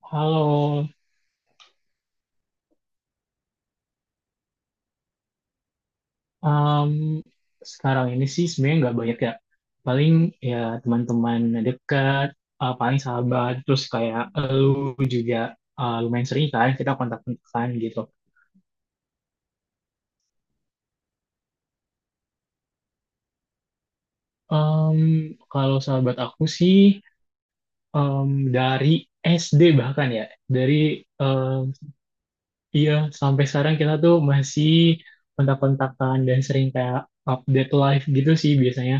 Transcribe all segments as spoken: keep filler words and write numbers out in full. Halo, em, sekarang ini sih sebenarnya nggak banyak ya. Paling ya teman-teman dekat, eh, paling sahabat, terus kayak lu juga eh, lumayan sering kan kita kontak-kontakan gitu. Em, kalau sahabat aku sih em, dari S D bahkan ya, dari em, iya, sampai sekarang kita tuh masih kontak-kontakan dan sering kayak update live gitu sih biasanya.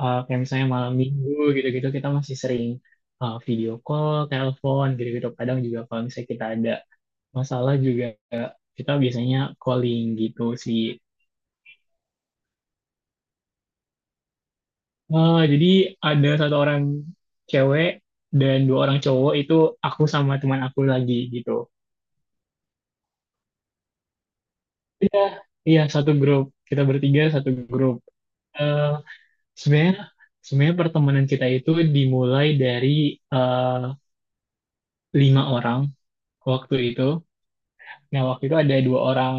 eh, Kayak misalnya malam minggu gitu-gitu kita masih sering eh, video call, telepon gitu-gitu. Kadang juga kalau misalnya kita ada masalah juga, eh, kita biasanya calling gitu sih. Eh, jadi ada satu orang cewek dan dua orang cowok, itu aku sama teman aku lagi gitu. Iya, iya satu grup. Kita bertiga satu grup. Eh sebenarnya sebenarnya pertemanan kita itu dimulai dari, eh, lima orang waktu itu. Nah, waktu itu ada dua orang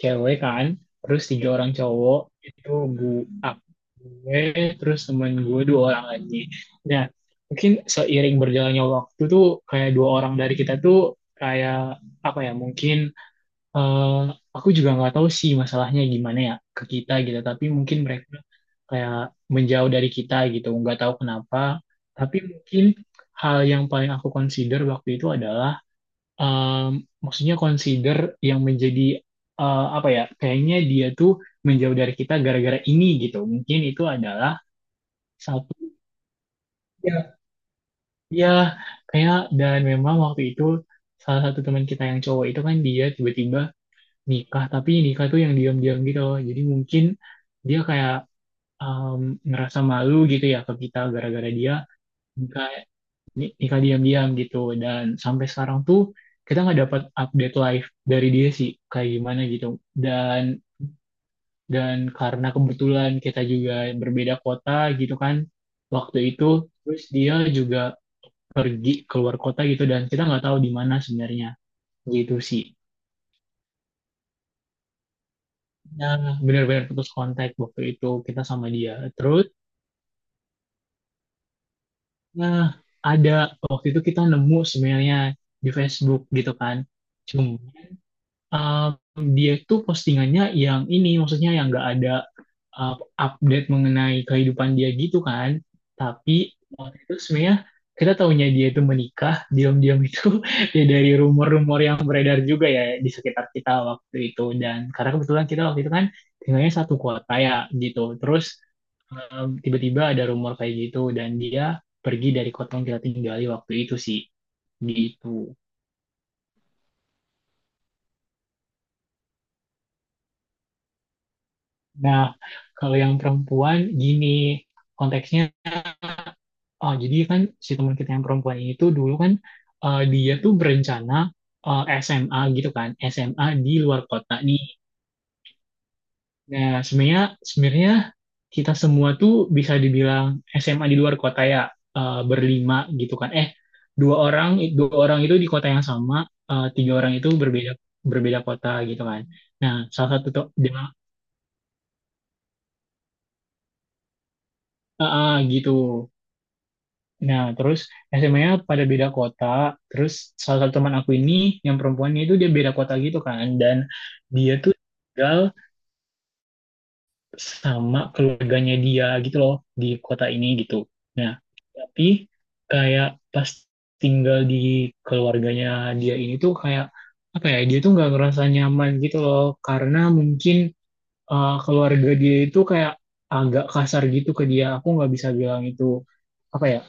cewek kan, terus tiga orang cowok, itu gue, gue, terus temen gue dua orang lagi. Nah, mungkin seiring berjalannya waktu tuh, kayak dua orang dari kita tuh, kayak, apa ya, mungkin, eh, aku juga nggak tahu sih masalahnya gimana ya ke kita gitu, tapi mungkin mereka kayak menjauh dari kita gitu, nggak tahu kenapa, tapi mungkin hal yang paling aku consider waktu itu adalah, um, maksudnya consider yang menjadi, uh, apa ya, kayaknya dia tuh menjauh dari kita gara-gara ini gitu, mungkin itu adalah satu, ya, ya, kayak, dan memang waktu itu salah satu teman kita yang cowok itu kan dia tiba-tiba nikah, tapi nikah tuh yang diam-diam gitu, jadi mungkin dia kayak, um, ngerasa malu gitu ya ke kita gara-gara dia nikah, ni- nikah diam-diam gitu, dan sampai sekarang tuh kita nggak dapat update live dari dia sih kayak gimana gitu. Dan dan karena kebetulan kita juga berbeda kota gitu kan waktu itu, terus dia juga pergi keluar kota gitu dan kita nggak tahu di mana sebenarnya gitu sih. Nah, benar-benar putus kontak waktu itu kita sama dia. Terus, nah, ada, waktu itu kita nemu sebenarnya di Facebook gitu kan. Um, dia itu postingannya yang ini, maksudnya yang nggak ada, uh, update mengenai kehidupan dia gitu kan. Tapi waktu itu sebenarnya kita tahunya dia itu menikah, diam-diam itu ya dari rumor-rumor yang beredar juga ya di sekitar kita waktu itu. Dan karena kebetulan kita waktu itu kan tinggalnya satu kota ya gitu. Terus, um, tiba-tiba ada rumor kayak gitu dan dia pergi dari kota yang kita tinggali waktu itu sih gitu. Nah, kalau yang perempuan gini konteksnya, oh jadi kan si teman kita yang perempuan ini tuh dulu kan, eh, dia tuh berencana, eh, S M A gitu kan, S M A di luar kota nih. Nah, sebenarnya sebenarnya kita semua tuh bisa dibilang S M A di luar kota ya, eh, berlima gitu kan. Eh, dua orang dua orang itu di kota yang sama, eh, tiga orang itu berbeda berbeda kota gitu kan. Nah, salah satu tuh dia- ah, ah, gitu. Nah, terus S M A-nya pada beda kota. Terus salah satu teman aku ini yang perempuannya itu dia beda kota gitu kan. Dan dia tuh tinggal sama keluarganya dia gitu loh di kota ini gitu. Nah, tapi kayak pas tinggal di keluarganya dia ini tuh kayak apa ya? Dia tuh nggak ngerasa nyaman gitu loh karena mungkin, eh, keluarga dia itu kayak agak kasar gitu ke dia. Aku nggak bisa bilang itu apa ya?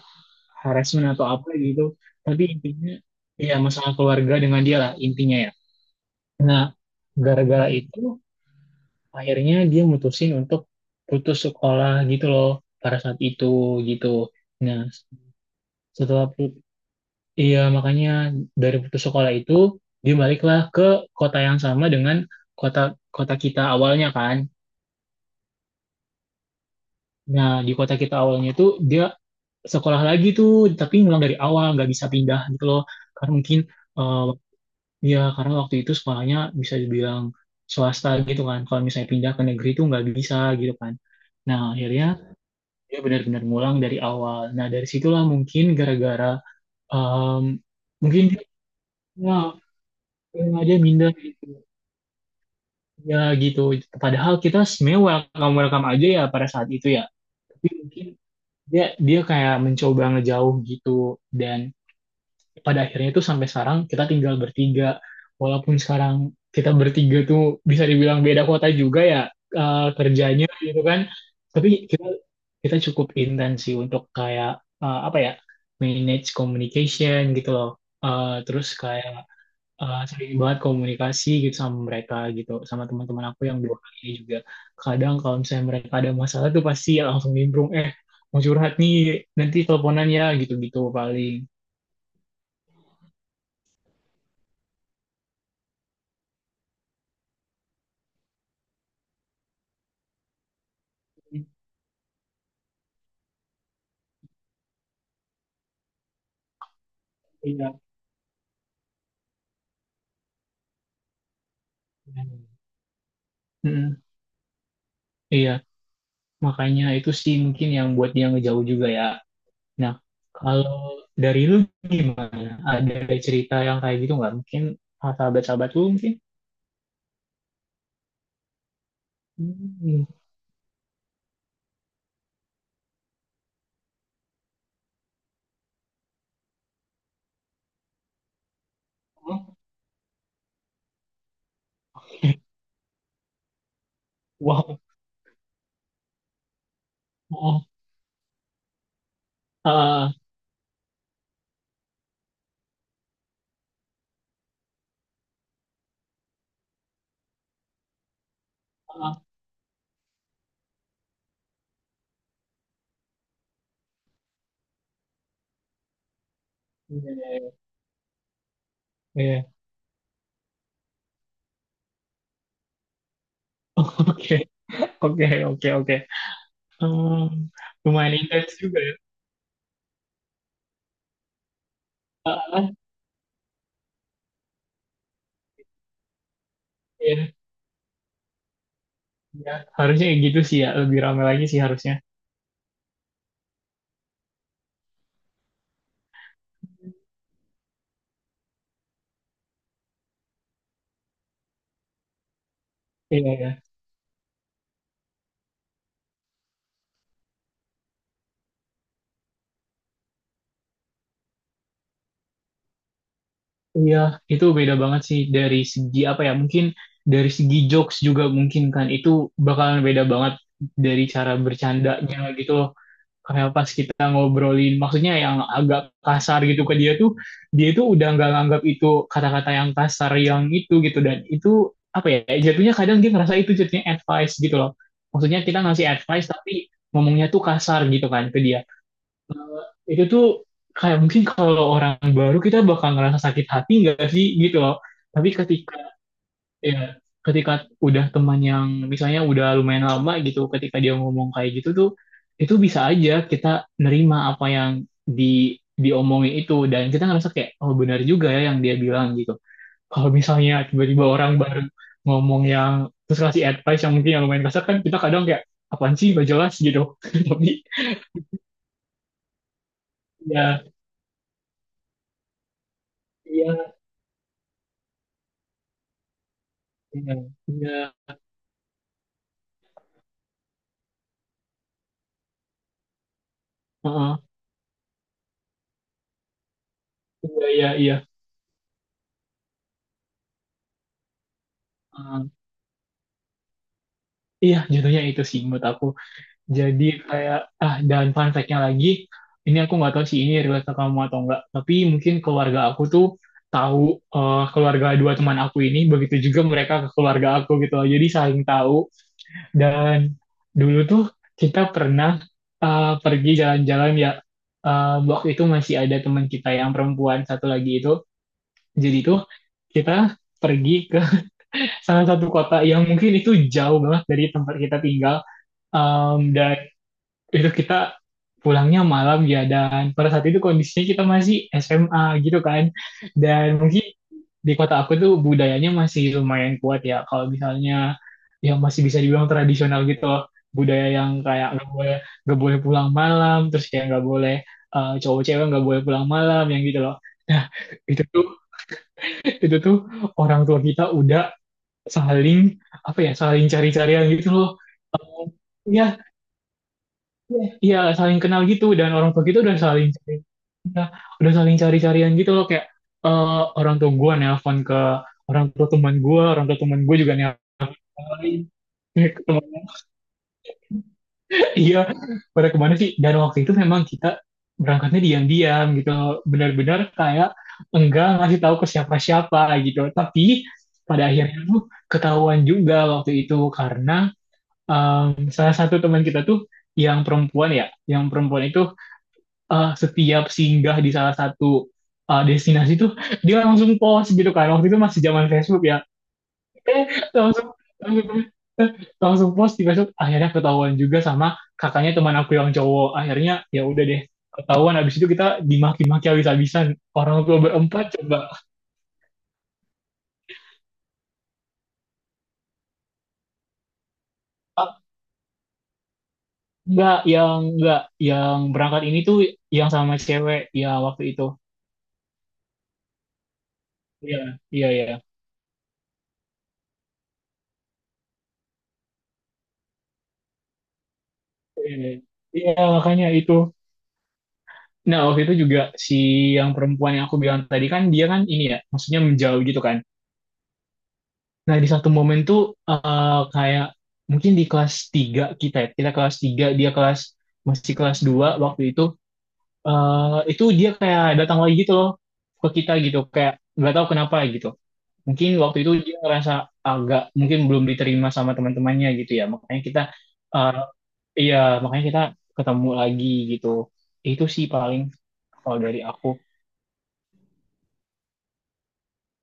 Harassment atau apa gitu, tapi intinya ya masalah keluarga dengan dia lah intinya ya. Nah, gara-gara itu akhirnya dia mutusin untuk putus sekolah gitu loh pada saat itu gitu. Nah, setelah put- iya makanya, dari putus sekolah itu dia baliklah ke kota yang sama dengan kota kota kita awalnya kan. Nah, di kota kita awalnya itu dia sekolah lagi tuh, tapi ngulang dari awal nggak bisa pindah gitu loh, karena mungkin, eh, Iya, karena waktu itu sekolahnya bisa dibilang swasta gitu kan. Kalau misalnya pindah ke negeri itu nggak bisa gitu kan. Nah, akhirnya dia benar-benar ngulang dari awal. Nah, dari situlah mungkin gara-gara, em, mungkin dia ya, ya, dia minder gitu. Ya gitu. Padahal kita sebenarnya welcome welcome aja ya pada saat itu ya. Tapi mungkin dia dia kayak mencoba ngejauh gitu dan pada akhirnya itu sampai sekarang kita tinggal bertiga. Walaupun sekarang kita bertiga tuh bisa dibilang beda kota juga ya, eh, kerjanya gitu kan. Tapi kita kita cukup intens sih untuk kayak, eh, apa ya, manage communication gitu loh. Eh, terus kayak, eh, sering banget komunikasi gitu sama mereka gitu sama teman-teman aku yang dua kali ini juga. Kadang kalau misalnya mereka ada masalah tuh pasti langsung nimbrung, eh, mau curhat nih nanti teleponan ya gitu-gitu paling. Iya. Mm, iya, makanya itu sih mungkin yang buat dia ngejauh juga ya. Nah, kalau dari lu gimana? Ada cerita yang kayak gitu nggak? Mungkin, ah, sahabat-sahabat lu mungkin? Hmm. Oh. Wow. Oh. Ah, ah. Iya, iya, iya. Oke, oke, oke, oke. Hmm, lumayan intens juga ya. Ah, ah, iya, iya. Harusnya kayak gitu sih ya. Lebih ramai lagi sih harusnya. Iya, iya. Iya, itu beda banget sih dari segi apa ya? Mungkin dari segi jokes juga mungkin kan itu bakalan beda banget dari cara bercandanya gitu loh. Kayak pas kita ngobrolin, maksudnya yang agak kasar gitu ke dia tuh, dia tuh udah nggak nganggap itu kata-kata yang kasar yang itu gitu dan itu apa ya? Jatuhnya kadang dia ngerasa itu jatuhnya advice gitu loh. Maksudnya kita ngasih advice tapi ngomongnya tuh kasar gitu kan ke dia. Eh, itu tuh kayak mungkin kalau orang baru kita bakal ngerasa sakit hati nggak sih gitu loh. Tapi ketika ya ketika udah teman yang misalnya udah lumayan lama gitu, ketika dia ngomong kayak gitu tuh itu bisa aja kita nerima apa yang di diomongin itu dan kita ngerasa kayak oh benar juga ya yang dia bilang gitu. Kalau misalnya tiba-tiba orang baru ngomong yang terus kasih advice yang mungkin yang lumayan kasar kan kita kadang kayak apaan sih gak jelas gitu. Tapi ya, iya, iya, iya. Heeh. Iya, iya, iya. Heeh. Iya, jatuhnya itu sih menurut aku. Jadi kayak, ah, dan fun fact-nya lagi, ini aku nggak tahu sih ini relate ke kamu atau enggak, tapi mungkin keluarga aku tuh tahu, eh, keluarga dua teman aku ini, begitu juga mereka ke keluarga aku gitu loh. Jadi saling tahu. Dan dulu tuh kita pernah, eh, pergi jalan-jalan ya, eh, waktu itu masih ada teman kita yang perempuan satu lagi itu. Jadi tuh kita pergi ke salah satu kota yang mungkin itu jauh banget dari tempat kita tinggal. Em, dan itu kita pulangnya malam ya dan pada saat itu kondisinya kita masih S M A gitu kan. Dan mungkin di kota aku tuh budayanya masih lumayan kuat ya kalau misalnya ya masih bisa dibilang tradisional gitu loh. Budaya yang kayak nggak boleh nggak boleh pulang malam, terus kayak nggak boleh, eh, cowok cewek nggak boleh pulang malam yang gitu loh. Nah, itu tuh itu tuh orang tua kita udah saling apa ya, saling cari-carian gitu loh. Ya, ya saling kenal gitu dan orang tua kita udah saling cari, ya, udah saling cari-carian gitu loh kayak, eh, orang tua gua nelpon ke orang tua teman gue, orang tua teman gue juga nelpon ke temannya. Iya, pada kemana sih. Dan waktu itu memang kita berangkatnya diam-diam gitu, benar-benar kayak enggak ngasih tahu ke siapa-siapa gitu. Tapi pada akhirnya tuh ketahuan juga waktu itu karena, um, salah satu teman kita tuh yang perempuan ya, yang perempuan itu, uh, setiap singgah di salah satu, uh, destinasi tuh dia langsung post gitu kan. Waktu itu masih zaman Facebook ya. Eh, langsung langsung langsung post di Facebook. Akhirnya ketahuan juga sama kakaknya teman aku yang cowok. Akhirnya ya udah deh, ketahuan habis itu kita dimaki-maki habis-habisan orang tua berempat coba. Ah, enggak, yang enggak, yang berangkat ini tuh yang sama cewek ya waktu itu, iya, iya, iya, iya, makanya itu. Nah, waktu itu juga si yang perempuan yang aku bilang tadi kan dia kan ini ya, maksudnya menjauh gitu kan. Nah, di satu momen tuh, eh, kayak mungkin di kelas tiga kita ya, kita kelas tiga dia kelas masih kelas dua waktu itu, eh, itu dia kayak datang lagi gitu loh ke kita gitu, kayak nggak tahu kenapa gitu. Mungkin waktu itu dia ngerasa agak mungkin belum diterima sama teman-temannya gitu ya. Makanya kita, eh, iya, makanya kita ketemu lagi gitu. Itu sih paling kalau dari aku.